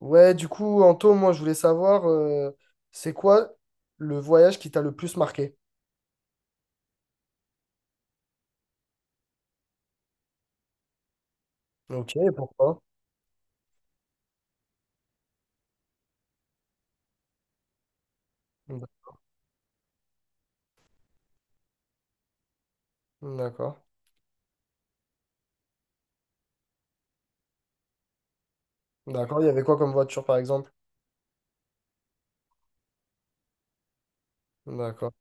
Ouais, du coup, Anto, moi, je voulais savoir, c'est quoi le voyage qui t'a le plus marqué? Ok, et pourquoi? D- D'accord. D'accord, il y avait quoi comme voiture, par exemple? D'accord.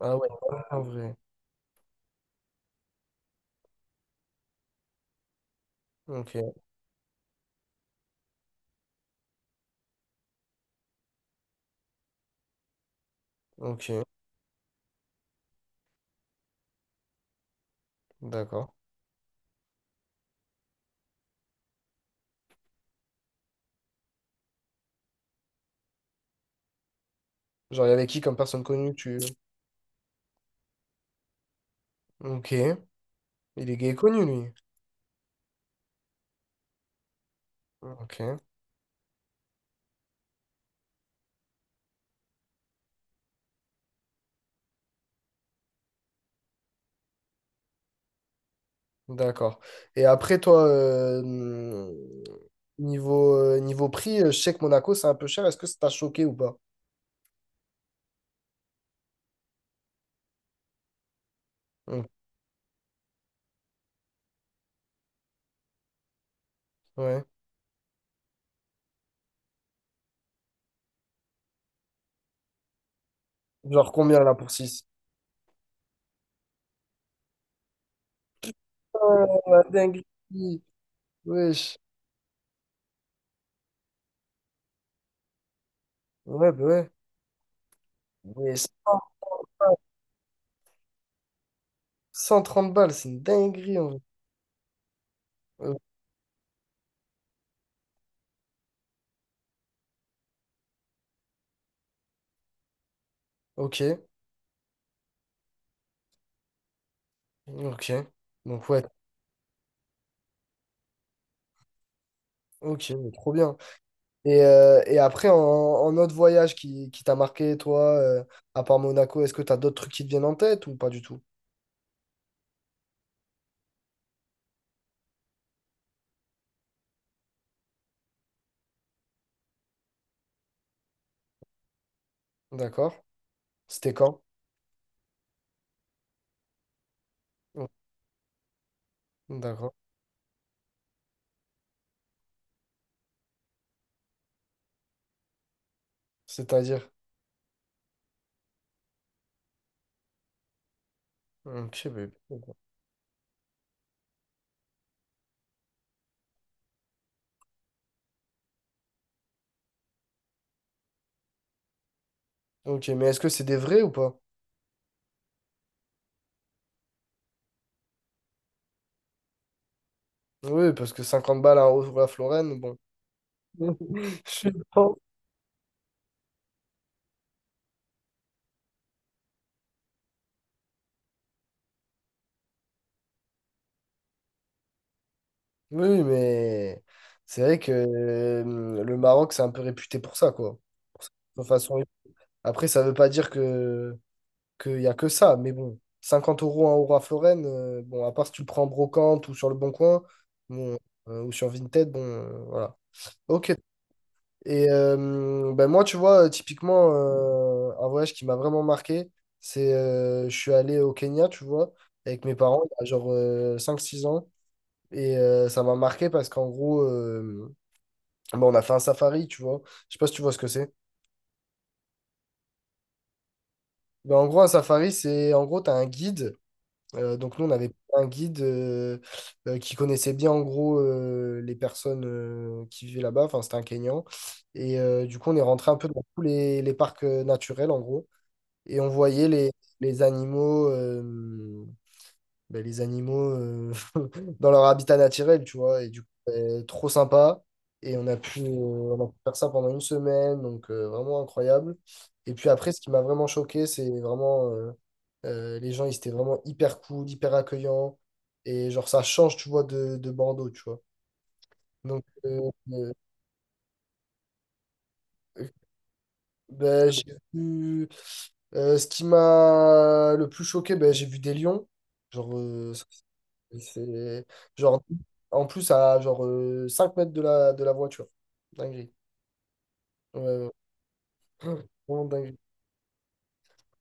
Ah ouais, en vrai. Ok, ok, d'accord. Genre, il y avait qui comme personne connue, tu... Ok, il est gay connu, lui. Ok, d'accord. Et après, toi, niveau, niveau prix, je sais que Monaco, c'est un peu cher. Est-ce que ça t'a choqué ou pas? Hum. Ouais. Genre, combien, là, pour six? Ouais, la dinguerie. Wesh. Ouais, bah ouais. Mais 100 130 balles, c'est une dinguerie en vrai. Euh, ok, ok. Donc ouais, ok, mais trop bien. Et après, en autre voyage qui t'a marqué, toi, à part Monaco, est-ce que t'as d'autres trucs qui te viennent en tête ou pas du tout? D'accord. C'était quand? Oh. D'accord. C'est-à-dire? Ok, bébé. Ok, mais est-ce que c'est des vrais ou pas? Oui, parce que 50 balles à la Florène, bon. Je sais pas. Oui, oui, mais c'est vrai que le Maroc, c'est un peu réputé pour ça, quoi. Pour sa façon-. Après, ça veut pas dire que qu'il y a que ça, mais bon, 50 euros, 1 euro à Florène, bon, à part si tu le prends en brocante ou sur le Bon Coin, bon, ou sur Vinted, bon, voilà. Ok. Et ben moi, tu vois, typiquement, un voyage qui m'a vraiment marqué, c'est je suis allé au Kenya, tu vois, avec mes parents, il y a genre 5 6 ans. Et ça m'a marqué parce qu'en gros, bon, on a fait un safari, tu vois. Je sais pas si tu vois ce que c'est. Mais en gros, un safari, c'est en gros, tu as un guide. Donc, nous, on avait un guide qui connaissait bien en gros les personnes qui vivaient là-bas. Enfin, c'était un Kenyan. Et du coup, on est rentré un peu dans tous les parcs naturels, en gros. Et on voyait les animaux. Ben, les animaux dans leur habitat naturel, tu vois. Et du coup, ben, trop sympa. Et on a pu faire ça pendant une semaine, donc vraiment incroyable. Et puis après, ce qui m'a vraiment choqué, c'est vraiment les gens, ils étaient vraiment hyper cool, hyper accueillants. Et genre, ça change, tu vois, de Bordeaux, tu vois. Donc, euh, ben, j'ai vu. Ce qui m'a le plus choqué, ben, j'ai vu des lions. Genre, ça. Et c'est genre en plus à genre 5 mètres de la voiture. Dinguerie. Ouais, ouais. Vraiment dinguerie.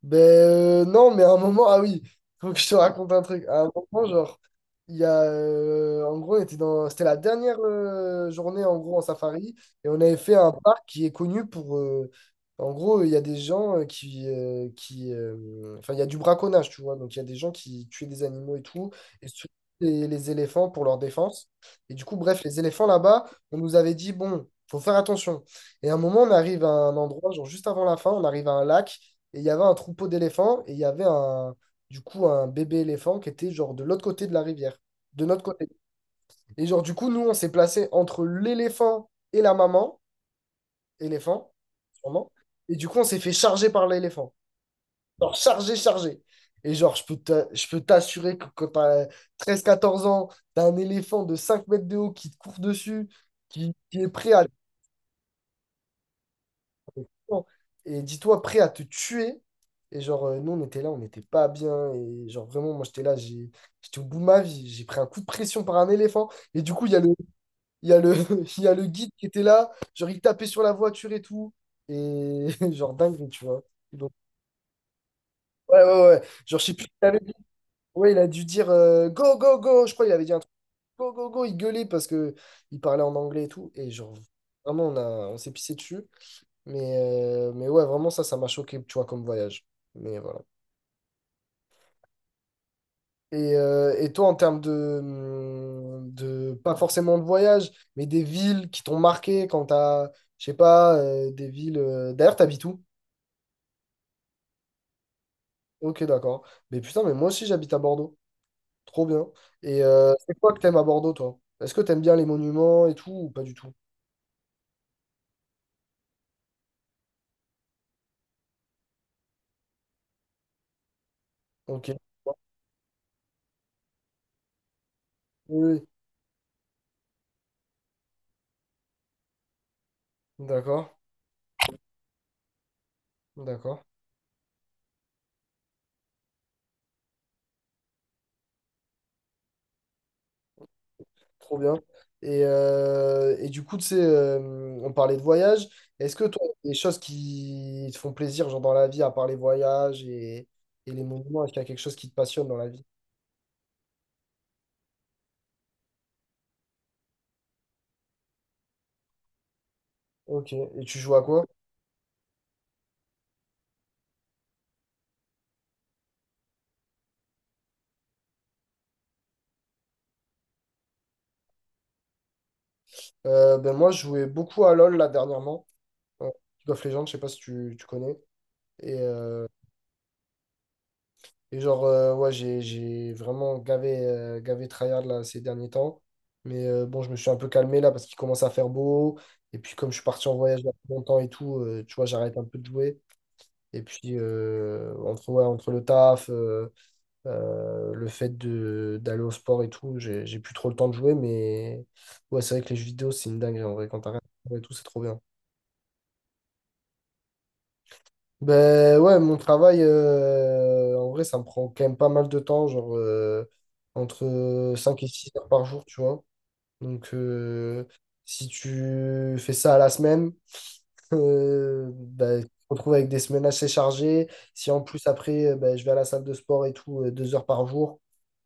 Ben non, mais à un moment, ah oui, faut que je te raconte un truc. À un moment, genre, il y a, en gros, on était dans, c'était la dernière journée en gros en safari, et on avait fait un parc qui est connu pour, en gros, il y a des gens qui enfin, il y a du braconnage, tu vois, donc il y a des gens qui tuaient des animaux et tout, et surtout les éléphants pour leur défense. Et du coup, bref, les éléphants là-bas, on nous avait dit, bon, faut faire attention. Et à un moment, on arrive à un endroit, genre juste avant la fin, on arrive à un lac. Et il y avait un troupeau d'éléphants et il y avait un, du coup un bébé éléphant qui était genre de l'autre côté de la rivière, de notre côté. Et genre du coup, nous, on s'est placé entre l'éléphant et la maman, éléphant, sûrement. Et du coup, on s'est fait charger par l'éléphant. Genre chargé, chargé. Et genre, je peux t'assurer que quand t'as 13-14 ans, t'as un éléphant de 5 mètres de haut qui te court dessus, qui est prêt à... Non. Et dis-toi, prêt à te tuer. Et genre, nous, on était là, on n'était pas bien. Et genre, vraiment, moi, j'étais là, j'étais au bout de ma vie. J'ai pris un coup de pression par un éléphant. Et du coup, il y a le, il y a le, il y a le guide qui était là. Genre, il tapait sur la voiture et tout. Et genre, dingue, tu vois. Donc, ouais, ouais, ouais. Genre, je sais plus ce qu'il avait dit. Ouais, il a dû dire go, go, go. Je crois qu'il avait dit un truc go, go, go. Il gueulait parce que il parlait en anglais et tout. Et genre, vraiment, on s'est pissé dessus. Mais ouais, vraiment, ça m'a choqué, tu vois, comme voyage. Mais voilà. Et toi, en termes de, pas forcément de voyage, mais des villes qui t'ont marqué quand t'as, je sais pas, des villes. D'ailleurs, t'habites où? Ok, d'accord. Mais putain, mais moi aussi, j'habite à Bordeaux. Trop bien. Et c'est quoi que t'aimes à Bordeaux, toi? Est-ce que t'aimes bien les monuments et tout, ou pas du tout? Ok. Oui, oui. D'accord, d'accord. Trop bien. Et du coup, tu sais, on parlait de voyage. Est-ce que toi, il y a des choses qui te font plaisir, genre dans la vie, à part les voyages et les monuments, est-ce qu'il y a quelque chose qui te passionne dans la vie? Ok. Et tu joues à quoi? Ben moi, je jouais beaucoup à LoL là dernièrement. Euh, League of Legends, je sais pas si tu connais. Et, et genre, ouais, j'ai vraiment gavé tryhard là, ces derniers temps. Mais bon, je me suis un peu calmé là parce qu'il commence à faire beau. Et puis, comme je suis parti en voyage là, pour longtemps et tout, tu vois, j'arrête un peu de jouer. Et puis, entre, ouais, entre le taf, le fait d'aller au sport et tout, j'ai plus trop le temps de jouer. Mais ouais, c'est vrai que les jeux vidéo, c'est une dinguerie en vrai. Quand t'arrêtes et tout, c'est trop bien. Ben ouais, mon travail, en vrai, ça me prend quand même pas mal de temps, genre entre 5 et 6 heures par jour, tu vois. Donc, si tu fais ça à la semaine, ben, tu te retrouves avec des semaines assez chargées. Si en plus, après, ben, je vais à la salle de sport et tout, 2 heures par jour,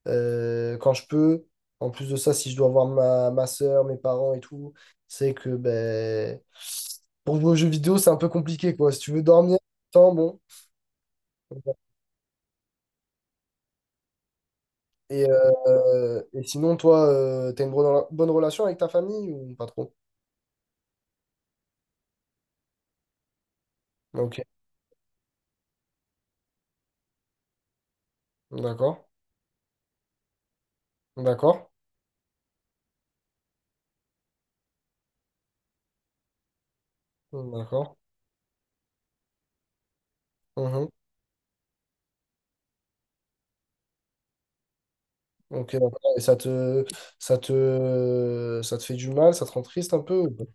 quand je peux. En plus de ça, si je dois voir ma soeur, mes parents et tout, c'est que ben, pour jouer aux jeux vidéo, c'est un peu compliqué, quoi. Si tu veux dormir, tant bon. Et, et sinon, toi, t'as une bonne relation avec ta famille ou pas trop? Ok, d'accord, d'accord, d'accord. Mhm. Ok, d'accord. Et ça te fait du mal, ça te rend triste un peu? Ou pas?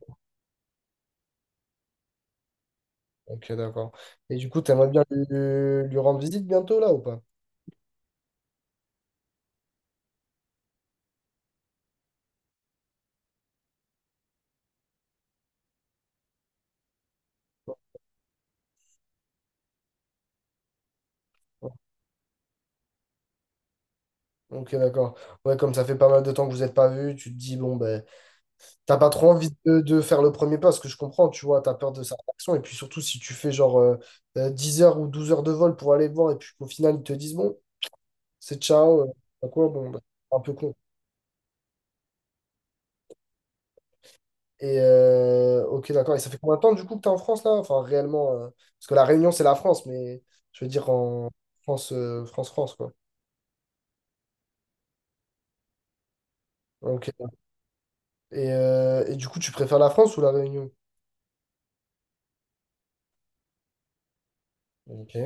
Ok, d'accord. Et du coup, t'aimerais bien lui rendre visite bientôt là ou pas? Ok, d'accord. Ouais, comme ça fait pas mal de temps que vous n'êtes pas vus, tu te dis, bon, ben, t'as pas trop envie de faire le premier pas, ce que je comprends, tu vois, t'as peur de sa réaction. Et puis surtout, si tu fais genre 10 heures ou 12 heures de vol pour aller le voir, et puis qu'au final, ils te disent, bon, c'est ciao, à quoi, bon, bah, c'est un peu con. Et ok, d'accord. Et ça fait combien de temps du coup que t'es en France là? Enfin, réellement, parce que la Réunion, c'est la France, mais je veux dire en France, France, France, quoi. Ok. Et du coup, tu préfères la France ou la Réunion? Ok.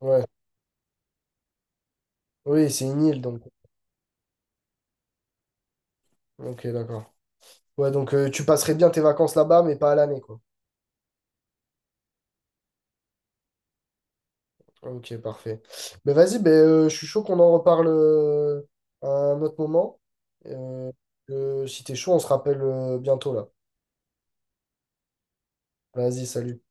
Ouais. Oui, c'est une île, donc. Ok, d'accord. Ouais, donc tu passerais bien tes vacances là-bas, mais pas à l'année, quoi. Ok, parfait. Ben vas-y, ben, je suis chaud qu'on en reparle à un autre moment. Euh, si t'es chaud, on se rappelle bientôt là. Vas-y, salut.